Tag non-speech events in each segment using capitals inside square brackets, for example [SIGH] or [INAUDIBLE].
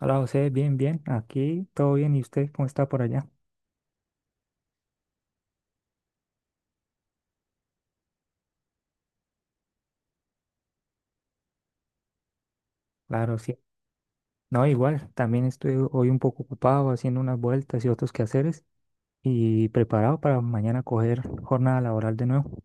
Hola José, bien, bien, aquí todo bien, ¿y usted cómo está por allá? Claro, sí. No, igual, también estoy hoy un poco ocupado haciendo unas vueltas y otros quehaceres y preparado para mañana coger jornada laboral de nuevo.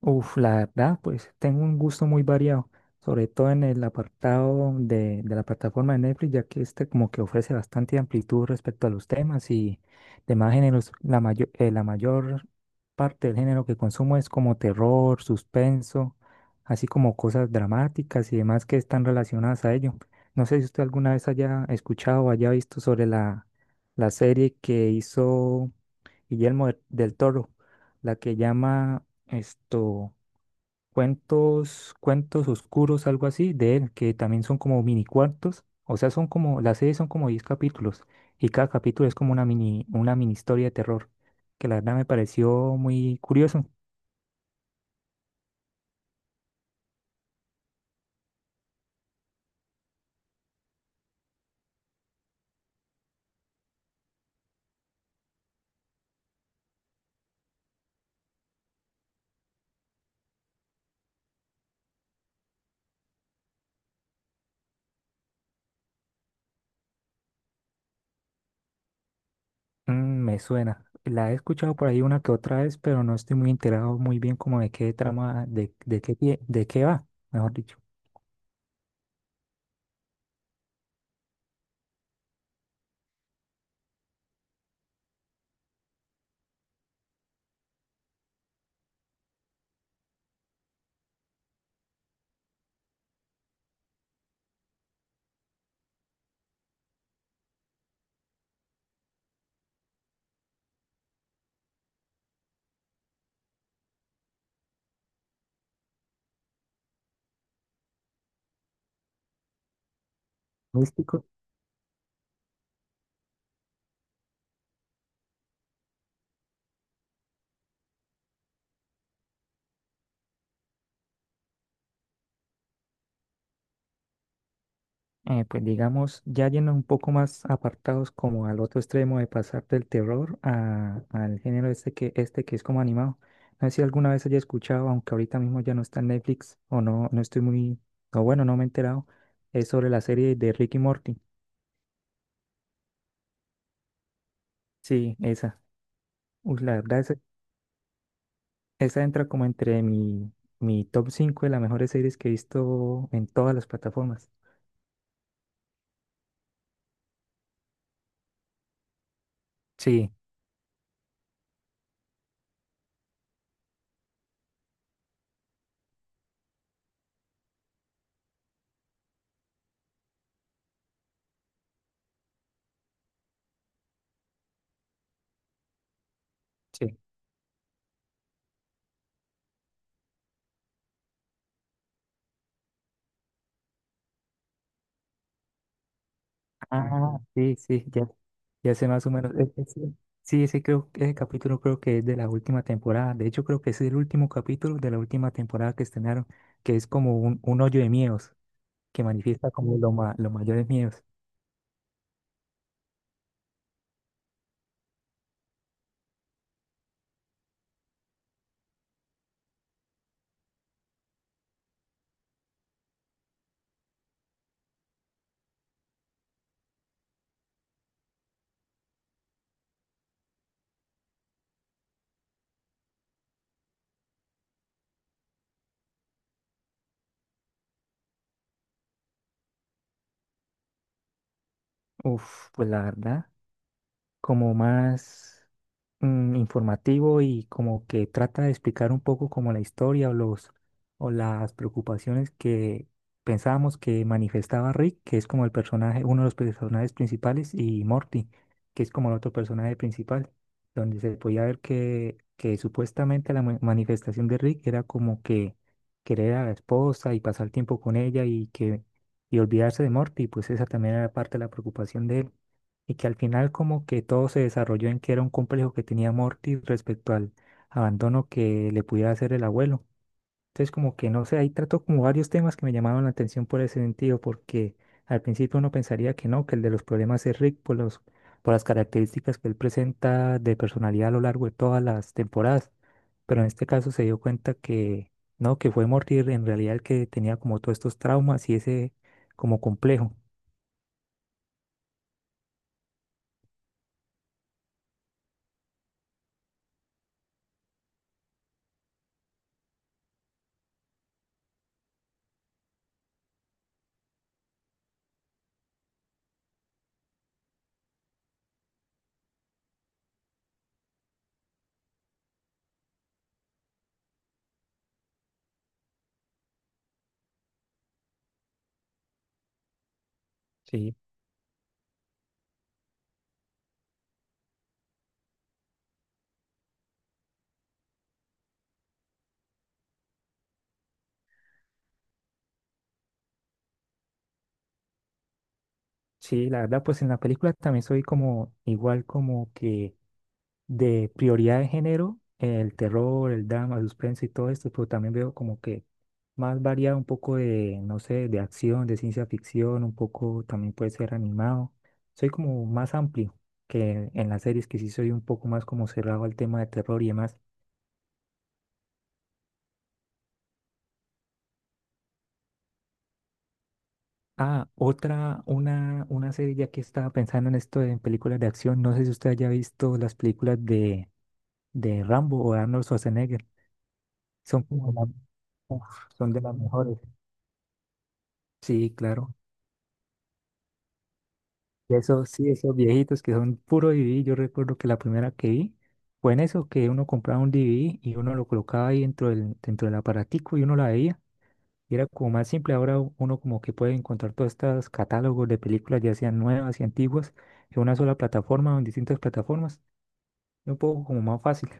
Uf, la verdad, pues tengo un gusto muy variado, sobre todo en el apartado de la plataforma de Netflix, ya que este como que ofrece bastante amplitud respecto a los temas y demás géneros. La mayor parte del género que consumo es como terror, suspenso, así como cosas dramáticas y demás que están relacionadas a ello. No sé si usted alguna vez haya escuchado o haya visto sobre la serie que hizo Guillermo del Toro, la que llama esto cuentos, cuentos oscuros, algo así, de él, que también son como mini cuartos. O sea, las series son como 10 capítulos y cada capítulo es como una mini historia de terror, que la verdad me pareció muy curioso. Me suena. La he escuchado por ahí una que otra vez, pero no estoy muy enterado muy bien como de qué trama, de qué va, mejor dicho. Místico. Pues digamos, ya yendo un poco más apartados como al otro extremo de pasar del terror al género este que, es como animado. No sé si alguna vez haya escuchado, aunque ahorita mismo ya no está en Netflix o no, no estoy muy, o bueno, no me he enterado, es sobre la serie de Rick y Morty. Sí, esa. Uy, la verdad, esa entra como entre mi, mi top 5 de las mejores series que he visto en todas las plataformas. Sí, sí. Ah, sí, sí, ya, ya sé más o menos. Sí, ese capítulo creo que es de la última temporada. De hecho, creo que es el último capítulo de la última temporada que estrenaron, que es como un hoyo de miedos, que manifiesta como los mayores miedos. Uf, pues la verdad, como más informativo y como que trata de explicar un poco como la historia o las preocupaciones que pensábamos que manifestaba Rick, que es como el personaje, uno de los personajes principales, y Morty, que es como el otro personaje principal, donde se podía ver que supuestamente la manifestación de Rick era como que querer a la esposa y pasar tiempo con ella y olvidarse de Morty, pues esa también era parte de la preocupación de él y que al final como que todo se desarrolló en que era un complejo que tenía Morty respecto al abandono que le pudiera hacer el abuelo. Entonces como que no sé, ahí trató como varios temas que me llamaban la atención por ese sentido, porque al principio uno pensaría que no, que el de los problemas es Rick por las características que él presenta de personalidad a lo largo de todas las temporadas, pero en este caso se dio cuenta que no, que fue Morty en realidad el que tenía como todos estos traumas y ese como complejo. Sí. Sí, la verdad, pues en la película también soy como igual como que de prioridad de género, el terror, el drama, el suspenso y todo esto, pero también veo como que más variado un poco de, no sé, de acción, de ciencia ficción, un poco también puede ser animado. Soy como más amplio que en las series, que sí soy un poco más como cerrado al tema de terror y demás. Ah, otra, una serie ya que estaba pensando en esto de películas de acción, no sé si usted haya visto las películas de Rambo o de Arnold Schwarzenegger. Son como la- uf, son de las mejores. Sí, claro. Y eso, sí, esos viejitos que son puro DVD. Yo recuerdo que la primera que vi fue en eso, que uno compraba un DVD y uno lo colocaba ahí dentro del aparatico y uno la veía. Y era como más simple. Ahora uno como que puede encontrar todos estos catálogos de películas, ya sean nuevas y antiguas, en una sola plataforma o en distintas plataformas. Es un poco como más fácil.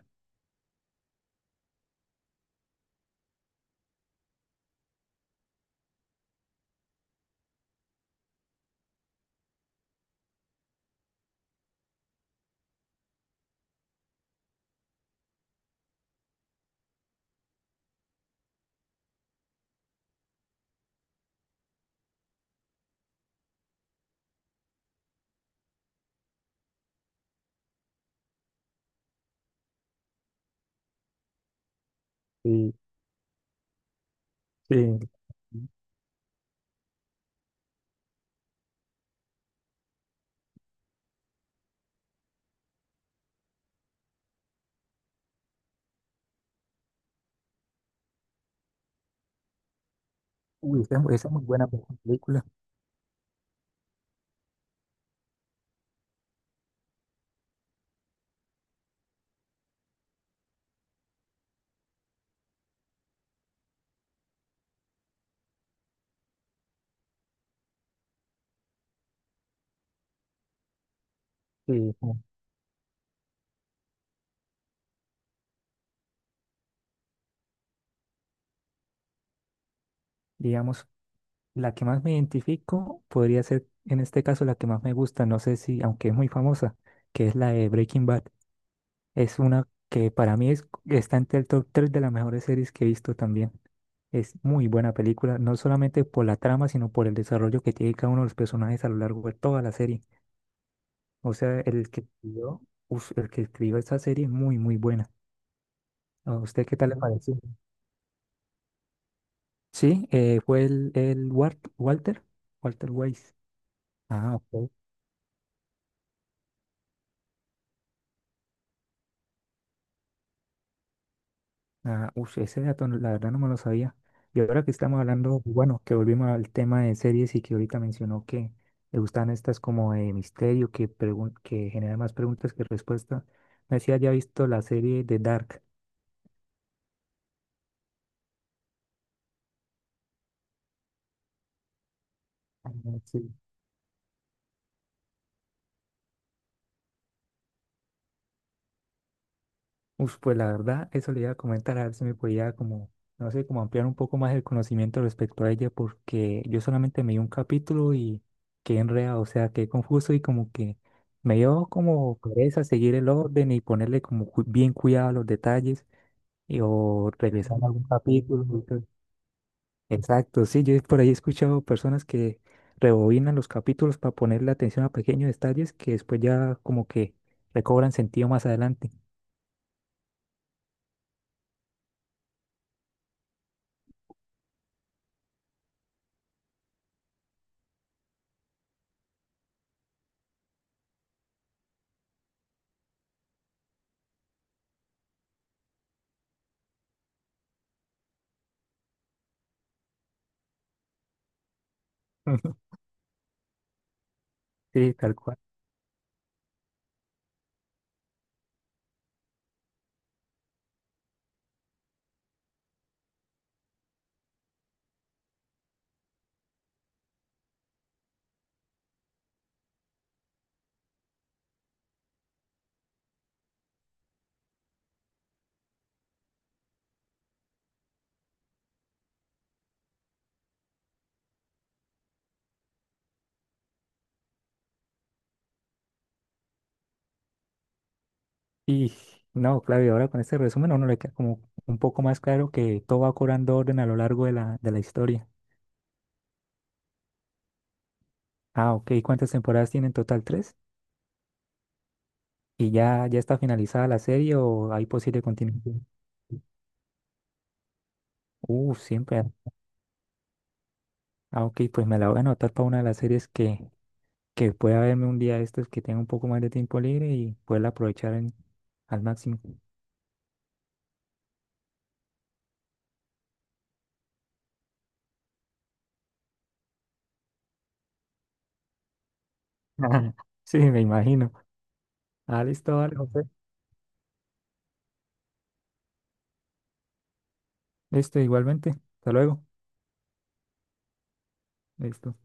Sí, sí. Uy, esa es muy buena película. Sí, como, digamos. La que más me identifico podría ser, en este caso, la que más me gusta, no sé si, aunque es muy famosa, que es la de Breaking Bad. Es una que para mí está entre el top 3 de las mejores series que he visto también. Es muy buena película, no solamente por la trama, sino por el desarrollo que tiene cada uno de los personajes a lo largo de toda la serie. O sea, el que escribió esta serie es muy, muy buena. ¿A usted qué tal le pareció? Sí, fue el Walter Weiss. Ah, ok. Ah, ush, ese dato la verdad no me lo sabía. Y ahora que estamos hablando, bueno, que volvimos al tema de series y que ahorita mencionó que le gustan estas como de misterio, que generan más preguntas que respuestas. No sé si haya visto la serie de Dark. Ah, sí. Uf, pues la verdad, eso le iba a comentar, a ver si me podía como, no sé, como ampliar un poco más el conocimiento respecto a ella, porque yo solamente me di un capítulo y quedé enredado, o sea, quedé confuso y como que me dio como pereza seguir el orden y ponerle como bien cuidado a los detalles o regresar a algún capítulo, y todo. Exacto, sí, yo por ahí he escuchado personas que rebobinan los capítulos para ponerle atención a pequeños detalles que después ya como que recobran sentido más adelante. [LAUGHS] Sí, tal cual. Y no, claro, y ahora con este resumen a uno le queda como un poco más claro que todo va cobrando orden a lo largo de la historia. Ah, ok, ¿cuántas temporadas tiene en total? ¿Tres? ¿Y ya, ya está finalizada la serie o hay posible continuación? Siempre. Ah, ok, pues me la voy a anotar para una de las series que pueda verme un día de estos que tenga un poco más de tiempo libre y poderla aprovechar al máximo. [LAUGHS] Sí, me imagino. Ah, listo, vale, José. Listo, igualmente. Hasta luego. Listo.